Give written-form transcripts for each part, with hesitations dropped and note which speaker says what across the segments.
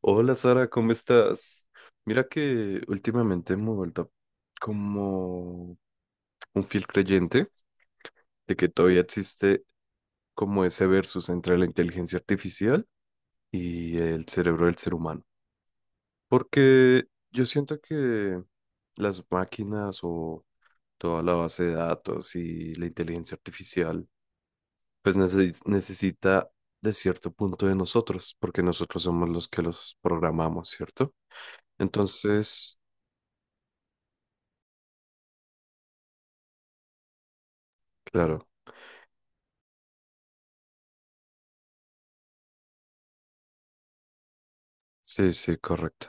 Speaker 1: Hola Sara, ¿cómo estás? Mira que últimamente me he vuelto como un fiel creyente de que todavía existe como ese versus entre la inteligencia artificial y el cerebro del ser humano. Porque yo siento que las máquinas o toda la base de datos y la inteligencia artificial pues necesita de cierto punto de nosotros, porque nosotros somos los que los programamos, ¿cierto? Entonces, claro. Sí, sí, correcto.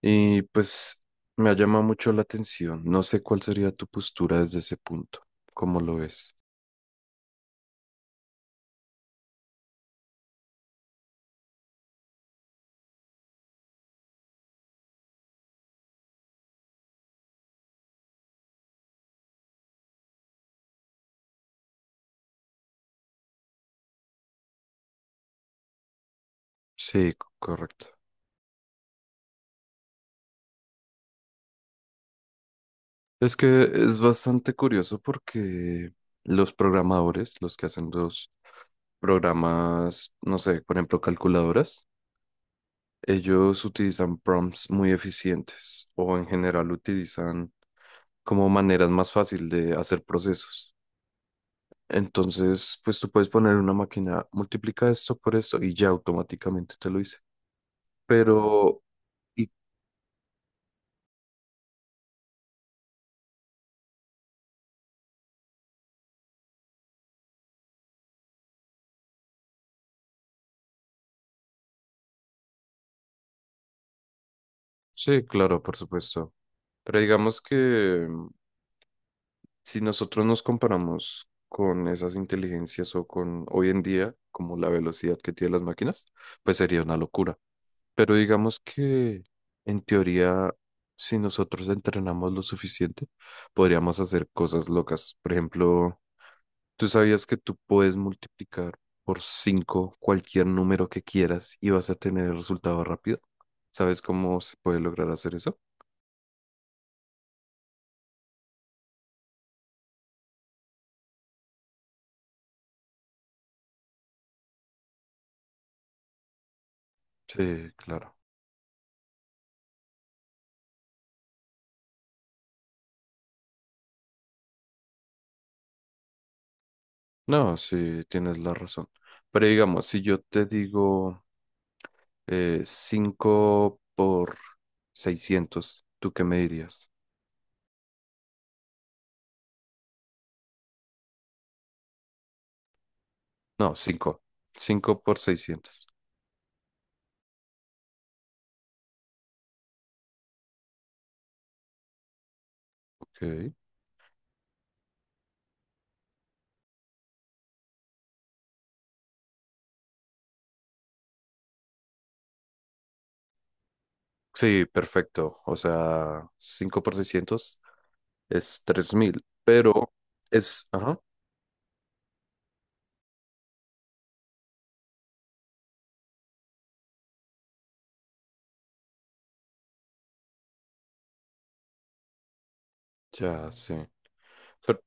Speaker 1: Y pues me ha llamado mucho la atención. No sé cuál sería tu postura desde ese punto, cómo lo ves. Sí, correcto. Es que es bastante curioso porque los programadores, los que hacen los programas, no sé, por ejemplo, calculadoras, ellos utilizan prompts muy eficientes o en general utilizan como maneras más fácil de hacer procesos. Entonces, pues tú puedes poner una máquina, multiplica esto por esto y ya automáticamente te lo dice. Pero, y- sí, claro, por supuesto. Pero digamos que si nosotros nos comparamos con esas inteligencias o con hoy en día, como la velocidad que tienen las máquinas, pues sería una locura. Pero digamos que en teoría, si nosotros entrenamos lo suficiente, podríamos hacer cosas locas. Por ejemplo, ¿tú sabías que tú puedes multiplicar por 5 cualquier número que quieras y vas a tener el resultado rápido? ¿Sabes cómo se puede lograr hacer eso? Sí, claro. No, sí, tienes la razón. Pero digamos, si yo te digo 5 por 600, ¿tú qué me dirías? No, cinco. Cinco por 600. Ok. Sí, perfecto. O sea, 5 por 600 es 3.000, pero es. Ajá. Ya, sí. Pero-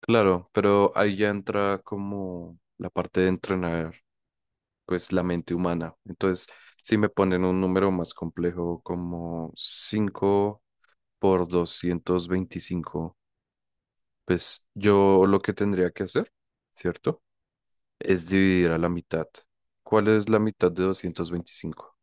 Speaker 1: Claro, pero ahí ya entra como la parte de entrenar, pues la mente humana. Entonces, si me ponen un número más complejo como 5 por 225, pues yo lo que tendría que hacer, ¿cierto? Es dividir a la mitad. ¿Cuál es la mitad de 225?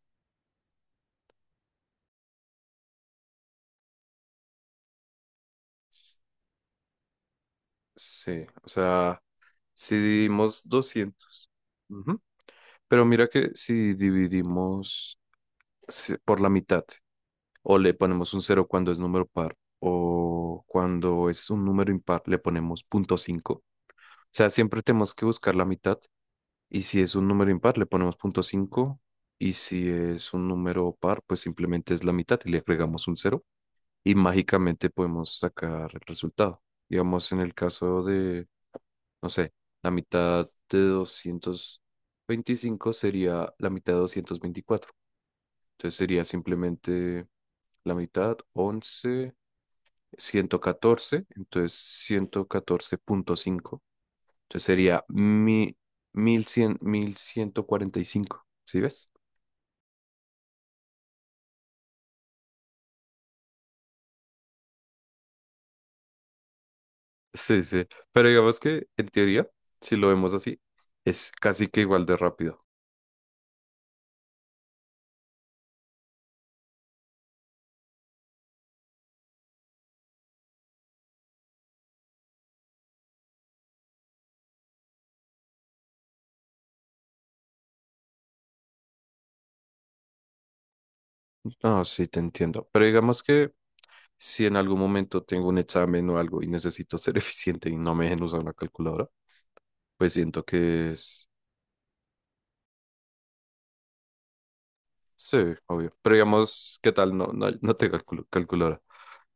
Speaker 1: Sí, o sea, si dividimos 200, ujú, pero mira que si dividimos, sí, por la mitad, o le ponemos un cero cuando es número par, o cuando es un número impar le ponemos punto cinco. O sea, siempre tenemos que buscar la mitad, y si es un número impar le ponemos punto cinco, y si es un número par, pues simplemente es la mitad y le agregamos un cero, y mágicamente podemos sacar el resultado. Digamos, en el caso de, no sé, la mitad de doscientos veinticinco sería la mitad de 224. Entonces sería simplemente la mitad, 11, 114, entonces ciento catorce punto cinco. Entonces sería 1.000, 1.100, 1.145. ¿Sí ves? Sí, sí. Pero digamos que en teoría, si lo vemos así, es casi que igual de rápido. No, sí, te entiendo. Pero digamos que si en algún momento tengo un examen o algo y necesito ser eficiente y no me dejen usar una calculadora, pues siento que es. Sí, obvio. Pero digamos, ¿qué tal? No, no, no te calculo, calculadora.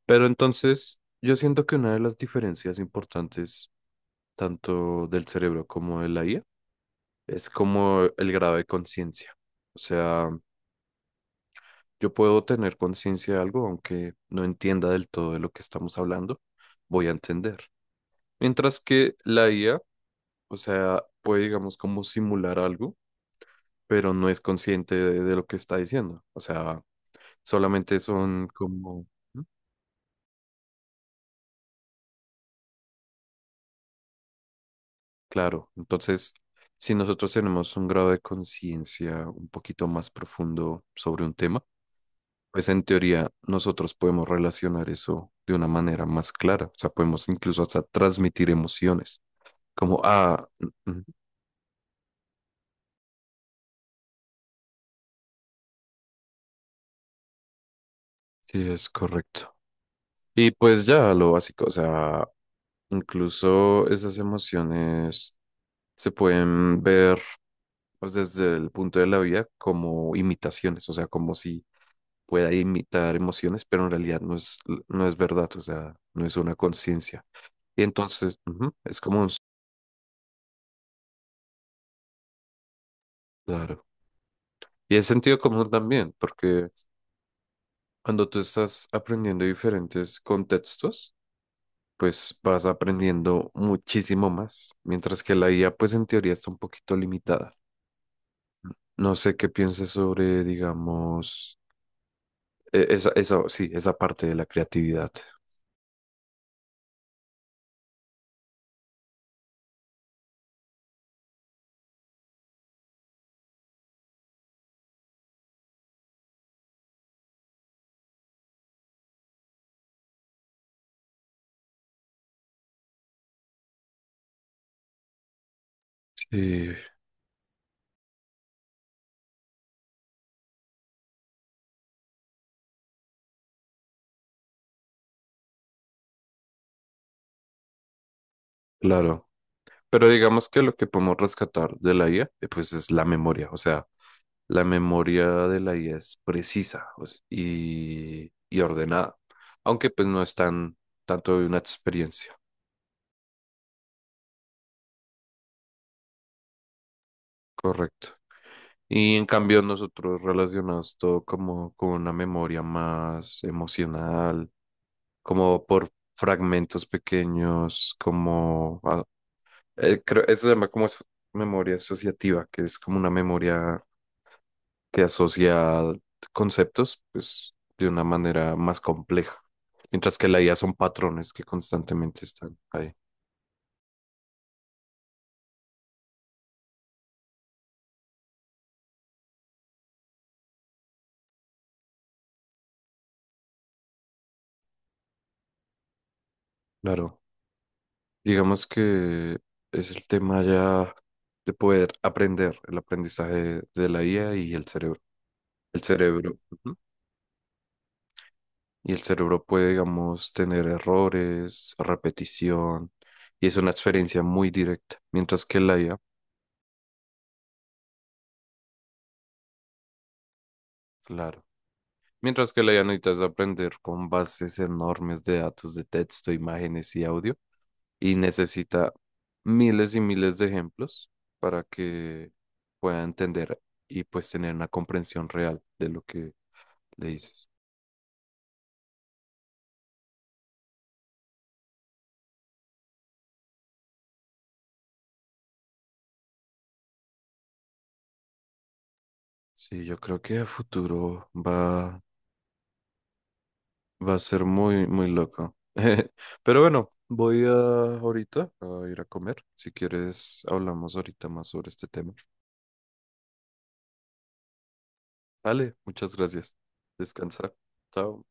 Speaker 1: Pero entonces, yo siento que una de las diferencias importantes, tanto del cerebro como de la IA, es como el grado de conciencia. O sea, yo puedo tener conciencia de algo, aunque no entienda del todo de lo que estamos hablando, voy a entender. Mientras que la IA, o sea, puede, digamos, como simular algo, pero no es consciente de lo que está diciendo. O sea, solamente son como. Claro, entonces, si nosotros tenemos un grado de conciencia un poquito más profundo sobre un tema, pues en teoría nosotros podemos relacionar eso de una manera más clara, o sea, podemos incluso hasta transmitir emociones, como mm, mm, sí, es correcto. Y pues ya lo básico, o sea, incluso esas emociones se pueden ver pues, desde el punto de la vida como imitaciones, o sea, como si pueda imitar emociones, pero en realidad no es, no es verdad, o sea, no es una conciencia. Y entonces, es como un. Claro. Y es sentido común también, porque cuando tú estás aprendiendo diferentes contextos, pues vas aprendiendo muchísimo más, mientras que la IA, pues en teoría está un poquito limitada. No sé qué pienses sobre, digamos, sí, esa parte de la creatividad. Sí. Claro, pero digamos que lo que podemos rescatar de la IA, pues es la memoria, o sea, la memoria de la IA es precisa pues, y ordenada, aunque pues no es tan tanto de una experiencia, correcto. Y en cambio nosotros relacionamos todo como con una memoria más emocional, como por fragmentos pequeños, como, creo, eso se llama como memoria asociativa, que es como una memoria que asocia conceptos, pues, de una manera más compleja. Mientras que la IA son patrones que constantemente están ahí. Claro, digamos que es el tema ya de poder aprender el aprendizaje de la IA y el cerebro. El cerebro. Ujú. Y el cerebro puede, digamos, tener errores, repetición, y es una experiencia muy directa. Mientras que la IA, claro. Mientras que la llanita es aprender con bases enormes de datos de texto, imágenes y audio, y necesita miles y miles de ejemplos para que pueda entender y pues tener una comprensión real de lo que le dices. Sí, yo creo que a futuro va a ser muy, muy loco. Pero bueno, voy a ahorita a ir a comer. Si quieres, hablamos ahorita más sobre este tema. Vale, muchas gracias. Descansa. Chao.